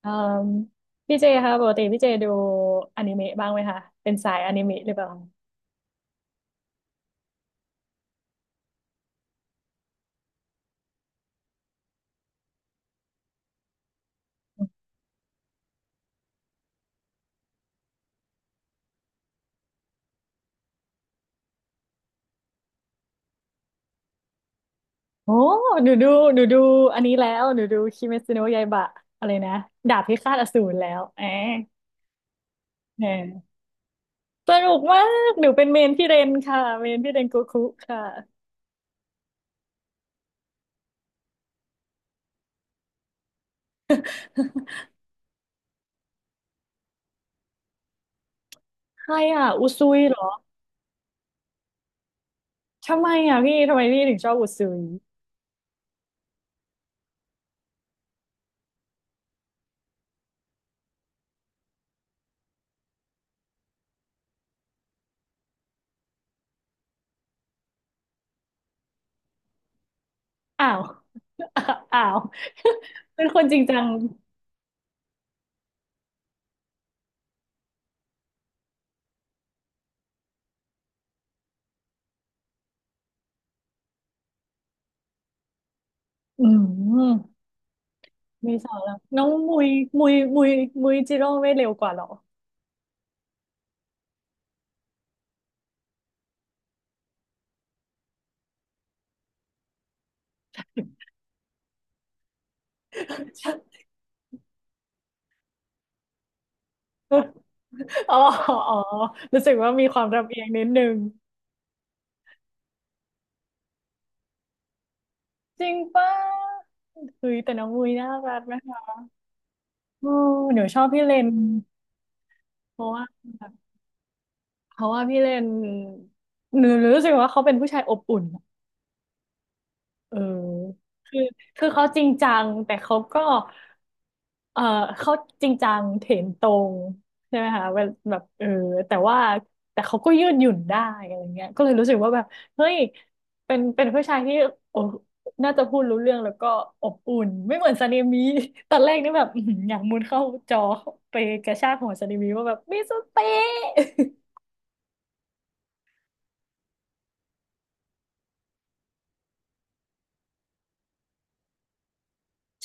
เอ่มพี่เจคะปกติพี่เจดูอนิเมะบ้างไหมคะเป็นสายอนิเมะหรือเปล่าโอ้หนูดูหนูดูอันนี้แล้วหนูดูคิเมซิโนะยาอิบะอะไรนะดาบพิฆาตอสูรแล้วแอะแอะสนุกมากหนูเป็นเมนพี่เรนค่ะเมนพี่เรนโกคุค่ะใครอ่ะอุซุยเหรอทำไมอ่ะพี่ทำไมพี่ถึงชอบอุซุยอ้าว อ้าว เป็นคนจริงจังอืมมีสองแล้วน้องมุยมุยมุยจิโร่ไม่เร็วกว่าเหรอ อ๋ออ๋อ รู้สึกว่ามีความลำเอียงนิดนึงจริงป่ะคือแต่น้องมุยน่ารักนะคะโอ้หนูชอบพี่เลนเพราะว่าเพราะว่าพี่เลนหนูรู้สึกว่าเขาเป็นผู้ชายอบอุ่น เออคือคือเขาจริงจัง แต่เขาก็เออเขาจริงจังเถนตรงใช่ไหมคะเวลแบบเออแต่ว่า แต่เขาก็ยืดหยุ่นได้อะไรเงี้ยก็เลยรู้สึกว่าแบบ เฮ้ย เป็นผู้ชายที่โอ้น่าจะพูดรู้เรื่องแล้วก็อบอุ่น ไม่เหมือนซาเนมิ ตอนแรกนี่แบบอื้อหืออยากมุดเข้าจอไปกระชากหัวซาเนมิว่าแบบมิสเตอร์เตะ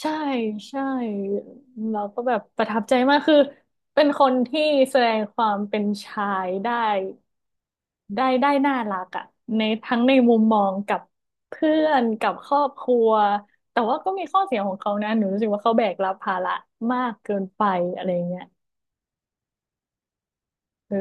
ใช่ใช่เราก็แบบประทับใจมากคือเป็นคนที่แสดงความเป็นชายได้ได้น่ารักอะในทั้งในมุมมองกับเพื่อนกับครอบครัวแต่ว่าก็มีข้อเสียของเขานะหนูรู้สึกว่าเขาแบกรับภาระมากเกินไปอะไรเงี้ยเออ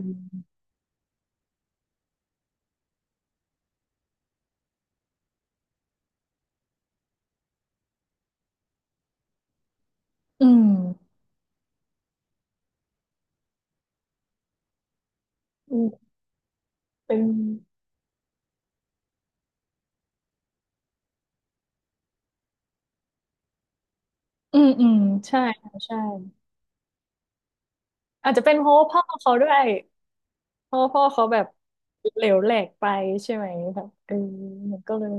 อืมอืมเป็นอืมอืมใช่ค่ะใช่อาจจะเป็นเพราะว่าพ่อเขาด้วยเพราะว่าพ่อเขาแบบเหลวแหลกไปใช่ไหมแบบเออมันก็เลย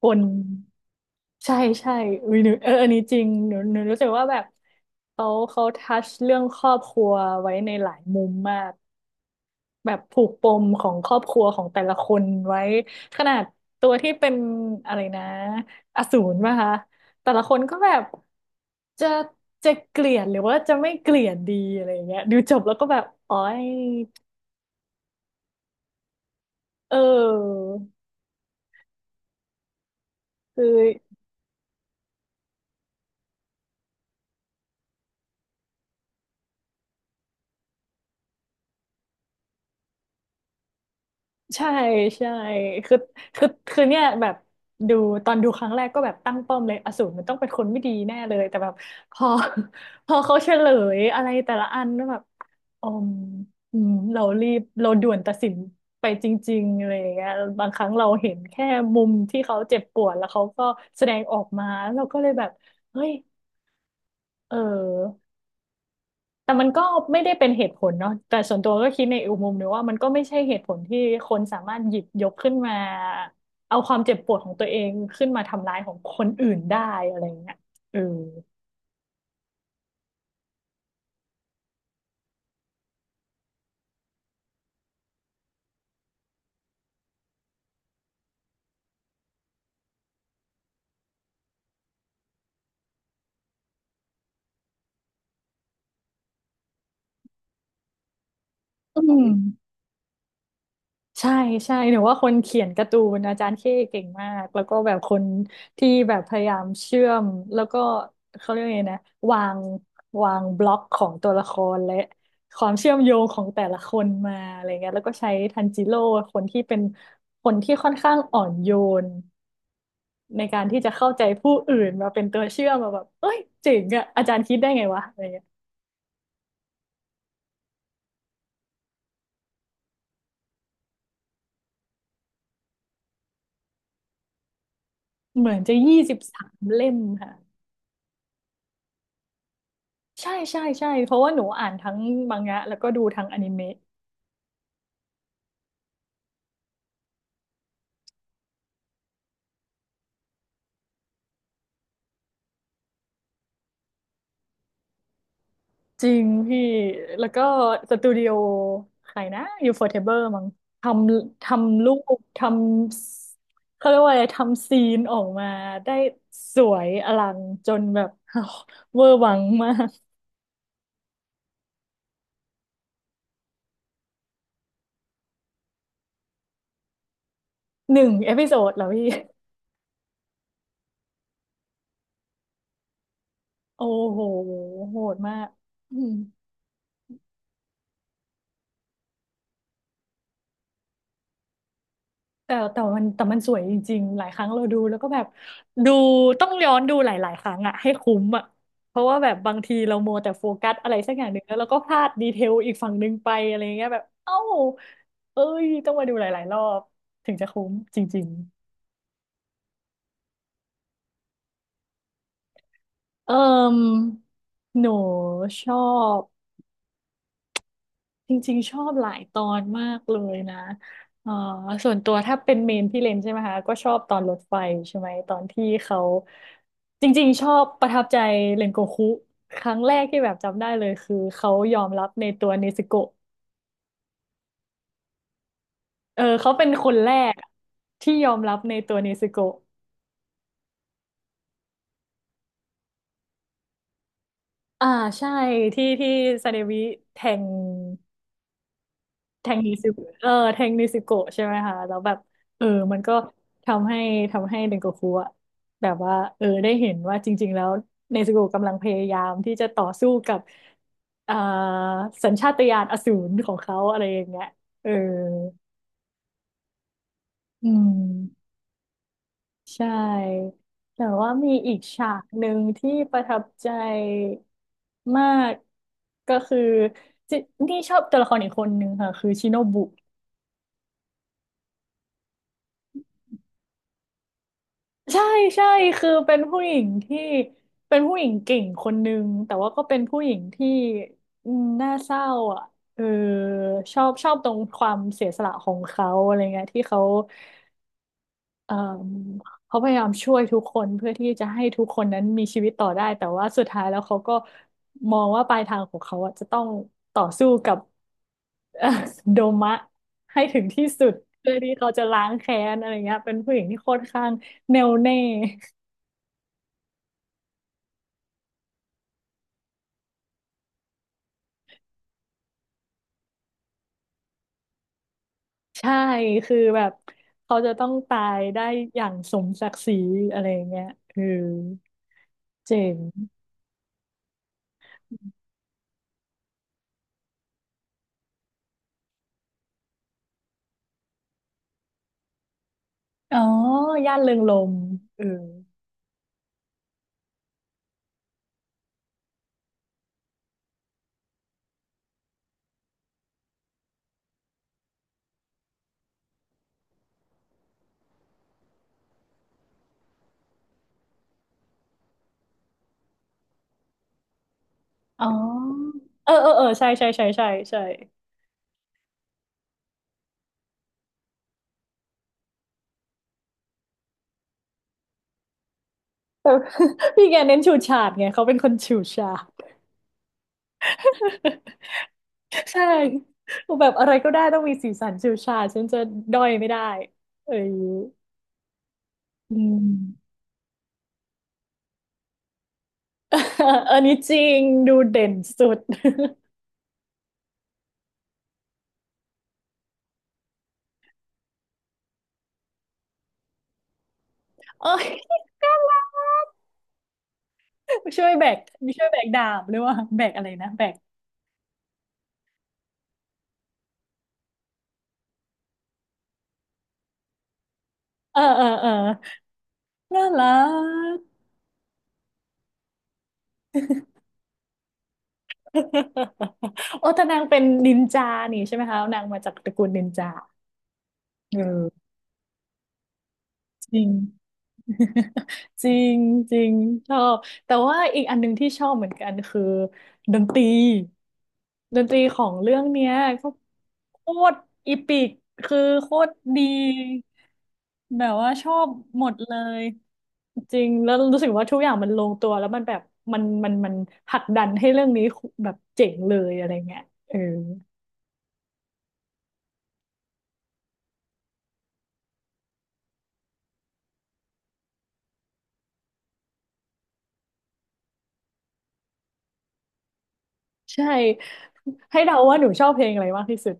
คนใช่ใช่อุ้ยหนูเอออันนี้จริงหนูหนูรู้สึกว่าแบบเขาทัชเรื่องครอบครัวไว้ในหลายมุมมากแบบผูกปมของครอบครัวของแต่ละคนไว้ขนาดตัวที่เป็นอะไรนะอสูรป่ะคะแต่ละคนก็แบบจะจะเกลียดหรือว่าจะไม่เกลียดดีอะไรอย่างเงี้ยดูจบแล้วก็แบบอ๋อยเออคือ ใช่ใช่คือคือเนี่ยแบบดูตอนดูครั้งแรกก็แบบตั้งป้อมเลยอสูรมันต้องเป็นคนไม่ดีแน่เลยแต่แบบพอ พอเขาเฉลยอะไรแต่ละอันก็แบบอืมอืมเรารีบเราด่วนตัดสินไปจริงๆอะไรอย่างเงี้ยบางครั้งเราเห็นแค่มุมที่เขาเจ็บปวดแล้วเขาก็แสดงออกมาเราก็เลยแบบเฮ้ยเออ แต่มันก็ไม่ได้เป็นเหตุผลเนาะแต่ส่วนตัวก็คิดในอีกมุมหนึงว่ามันก็ไม่ใช่เหตุผลที่คนสามารถหยิบยกขึ้นมาเอาความเจ็บปวดของตัวเองขึ้นมาทำร้ายของคนอื่นได้อะไรอย่างเงี้ยเอออืม ใช่ใช่หนูว่าคนเขียนการ์ตูนอาจารย์เข้เก่งมากแล้วก็แบบคนที่แบบพยายามเชื่อมแล้วก็เขาเรียกไงนะวางวางบล็อกของตัวละครและความเชื่อมโยงของแต่ละคนมาอะไรเงี้ยแล้วก็ใช้ทันจิโร่คนที่เป็นคนที่ค่อนข้างอ่อนโยนในการที่จะเข้าใจผู้อื่นมาเป็นตัวเชื่อมมาแบบเอ้ยเจ๋งอะอาจารย์คิดได้ไงวะอะไรเงี้ยเหมือนจะ23 เล่มค่ะใช่ใช่ใช่เพราะว่าหนูอ่านทั้งมังงะแล้วก็ดูทั้งอนิเมะ จริงพี่แล้วก็สตูดิโอใครนะอยู่ฟอร์เทเบอร์มั้งททำรูปทำเขาเรียกว่าอะไรทำซีนออกมาได้สวยอลังจนแบบ เวอร์วังมากหนึ่งเอพิโซดเหรอพี่โอ้โหโหดมากอืม แต่มันสวยจริงๆหลายครั้งเราดูแล้วก็แบบดูต้องย้อนดูหลายๆครั้งอะให้คุ้มอะเพราะว่าแบบบางทีเรามัวแต่โฟกัสอะไรสักอย่างหนึ่งแล้วเราก็พลาดดีเทลอีกฝั่งหนึ่งไปอะไรเงี้ยแบบเอ้าเอ้ยต้องมาดูหลายๆรอบถึงจะคุ้มจริงๆเอิ่มหนูชอบ จริงๆชอบหลายตอนมากเลยนะเอ่อส่วนตัวถ้าเป็นเมนพี่เลนใช่ไหมคะก็ชอบตอนรถไฟใช่ไหมตอนที่เขาจริงๆชอบประทับใจเรนโกคุครั้งแรกที่แบบจำได้เลยคือเขายอมรับในตัวเนซึโกะเออเขาเป็นคนแรกที่ยอมรับในตัวเนซึโกะอ่าใช่ที่ซาเดวิแทง แทงนิซิโกะเออแทงนิซิโกะใช่ไหมคะแล้วแบบเออมันก็ทำให้ทำให้เดนโกคุอะแบบว่าเออได้เห็นว่าจริงๆ แล้วเนซึโกะกำลังพยายามที่จะต่อสู้กับอ่าสัญชาตญาณอสูรของเขาอะไรอย่างเงี้ยเอออืมใช่ แต่ว่ามีอีกฉากหนึ่งที่ประทับใจมากก็คือจินี่ชอบตัวละครอีกคนหนึ่งค่ะ คือชิโนบุ ใช่ใช่คือเป็นผู้หญิงที่เป็นผู้หญิงเก่งคนนึงแต่ว่าก็เป็นผู้หญิงที่อืมน่าเศร้าอ่ะเออชอบตรงความเสียสละของเขาอะไรเงี้ยที่เขาเออเขาพยายามช่วยทุกคนเพื่อที่จะให้ทุกคนนั้นมีชีวิตต่อได้แต่ว่าสุดท้ายแล้วเขาก็มองว่าปลายทางของเขาอ่ะจะต้องต่อสู้กับ เอ่อโดมะให้ถึงที่สุดเพื่อที่เขาจะล้างแค้นอะไรเงี้ยเป็นผู้หญิงที่ค่อนข้างแน่วแน่ ใช่คือแบบเขาจะต้องตายได้อย่างสมศักดิ์ศรีอะไรอย่างเงี้ยเออเจ๋งอ๋อย่านเริงรมย์เอออ๋อเออเออเออใช่ใช่ใช่ใช่ใช่แต่ พี่แกเน้นฉูดฉาดไงเขาเป็นคนฉูดฉาด ใช่แบบอะไรก็ได้ต้องมีสีสันฉูดฉาดฉันจะด้อยไม่ได้เอออืม อันนี้จริงดูเด่นสุดโอ้ยน่ารัก ช่วยแบกมีช่วยแบกดาบหรือว่าแบกอะไรนะแบกเออเออเออน่ารัก โอ้แต่นางเป็นนินจานี่ใช่ไหมคะนางมาจากตระกูลนินจาเออจริง จริงจริงชอบแต่ว่าอีกอันหนึงที่ชอบเหมือนกันคือดนตรีดนตรีของเรื่องเนี้ยก็โคตรอีปิกคือโคตรดีแบบว่าชอบหมดเลยจริงแล้วรู้สึกว่าทุกอย่างมันลงตัวแล้วมันแบบมันผลักดันให้เรื่องนี้แบบเจ๋งเลยอะไรเงี้ยเออใช่ให้เดาว่าหนูชอบเพลงอะไรมากที่สุด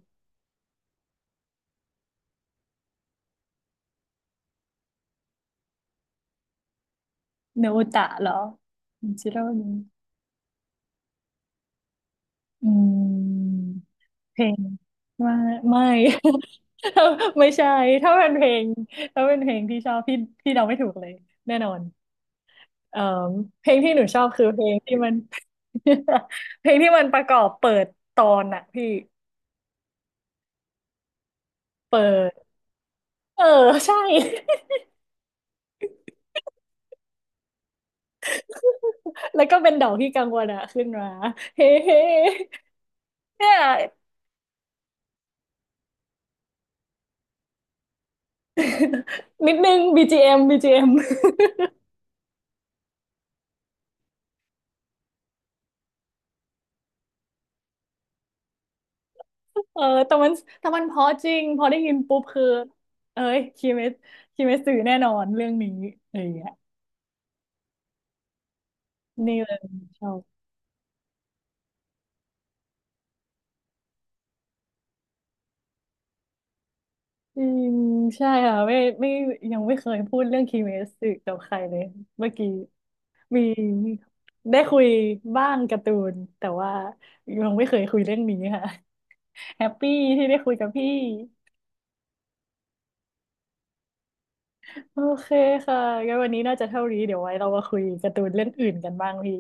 เนโอตะเหรอจิโร่ อืมเพลงไม่ไม่ ไม่ใช่ถ้าเป็นเพลงถ้าเป็นเพลงที่ชอบพี่พี่เดาไม่ถูกเลยแน่นอนเอ่อเพลงที่หนูชอบคือเพลงที่มัน เพลงที่มันประกอบเปิดตอนอะพี่เปิดเออใช่ แล้วก็เป็นดอกที่กังวลอะขึ้นมา เฮ้เฮ้เนี่ย นิดนึงบีจีเ BGM เออแต่มันเพราะจริงพอได้ยินปุ๊บคือเอ้ยคิเมสคิเมสสื่อแน่นอนเรื่องนี้อะไรอย่างเงี้ยนี่เลยชอบจริงใช่ค่ะไม่ยังไม่เคยพูดเรื่องคิเมสสื่อกับใครเลยเมื่อกี้มีได้คุยบ้างการ์ตูนแต่ว่ายังไม่เคยคุยเรื่องนี้ค่ะแฮปปี้ที่ได้คุยกับพี่ โอเคค่ะงั้นวันนี้น่าจะเท่านี้เดี๋ยวไว้เรามาคุยการ์ตูนเรื่องอื่นกันบ้างพี่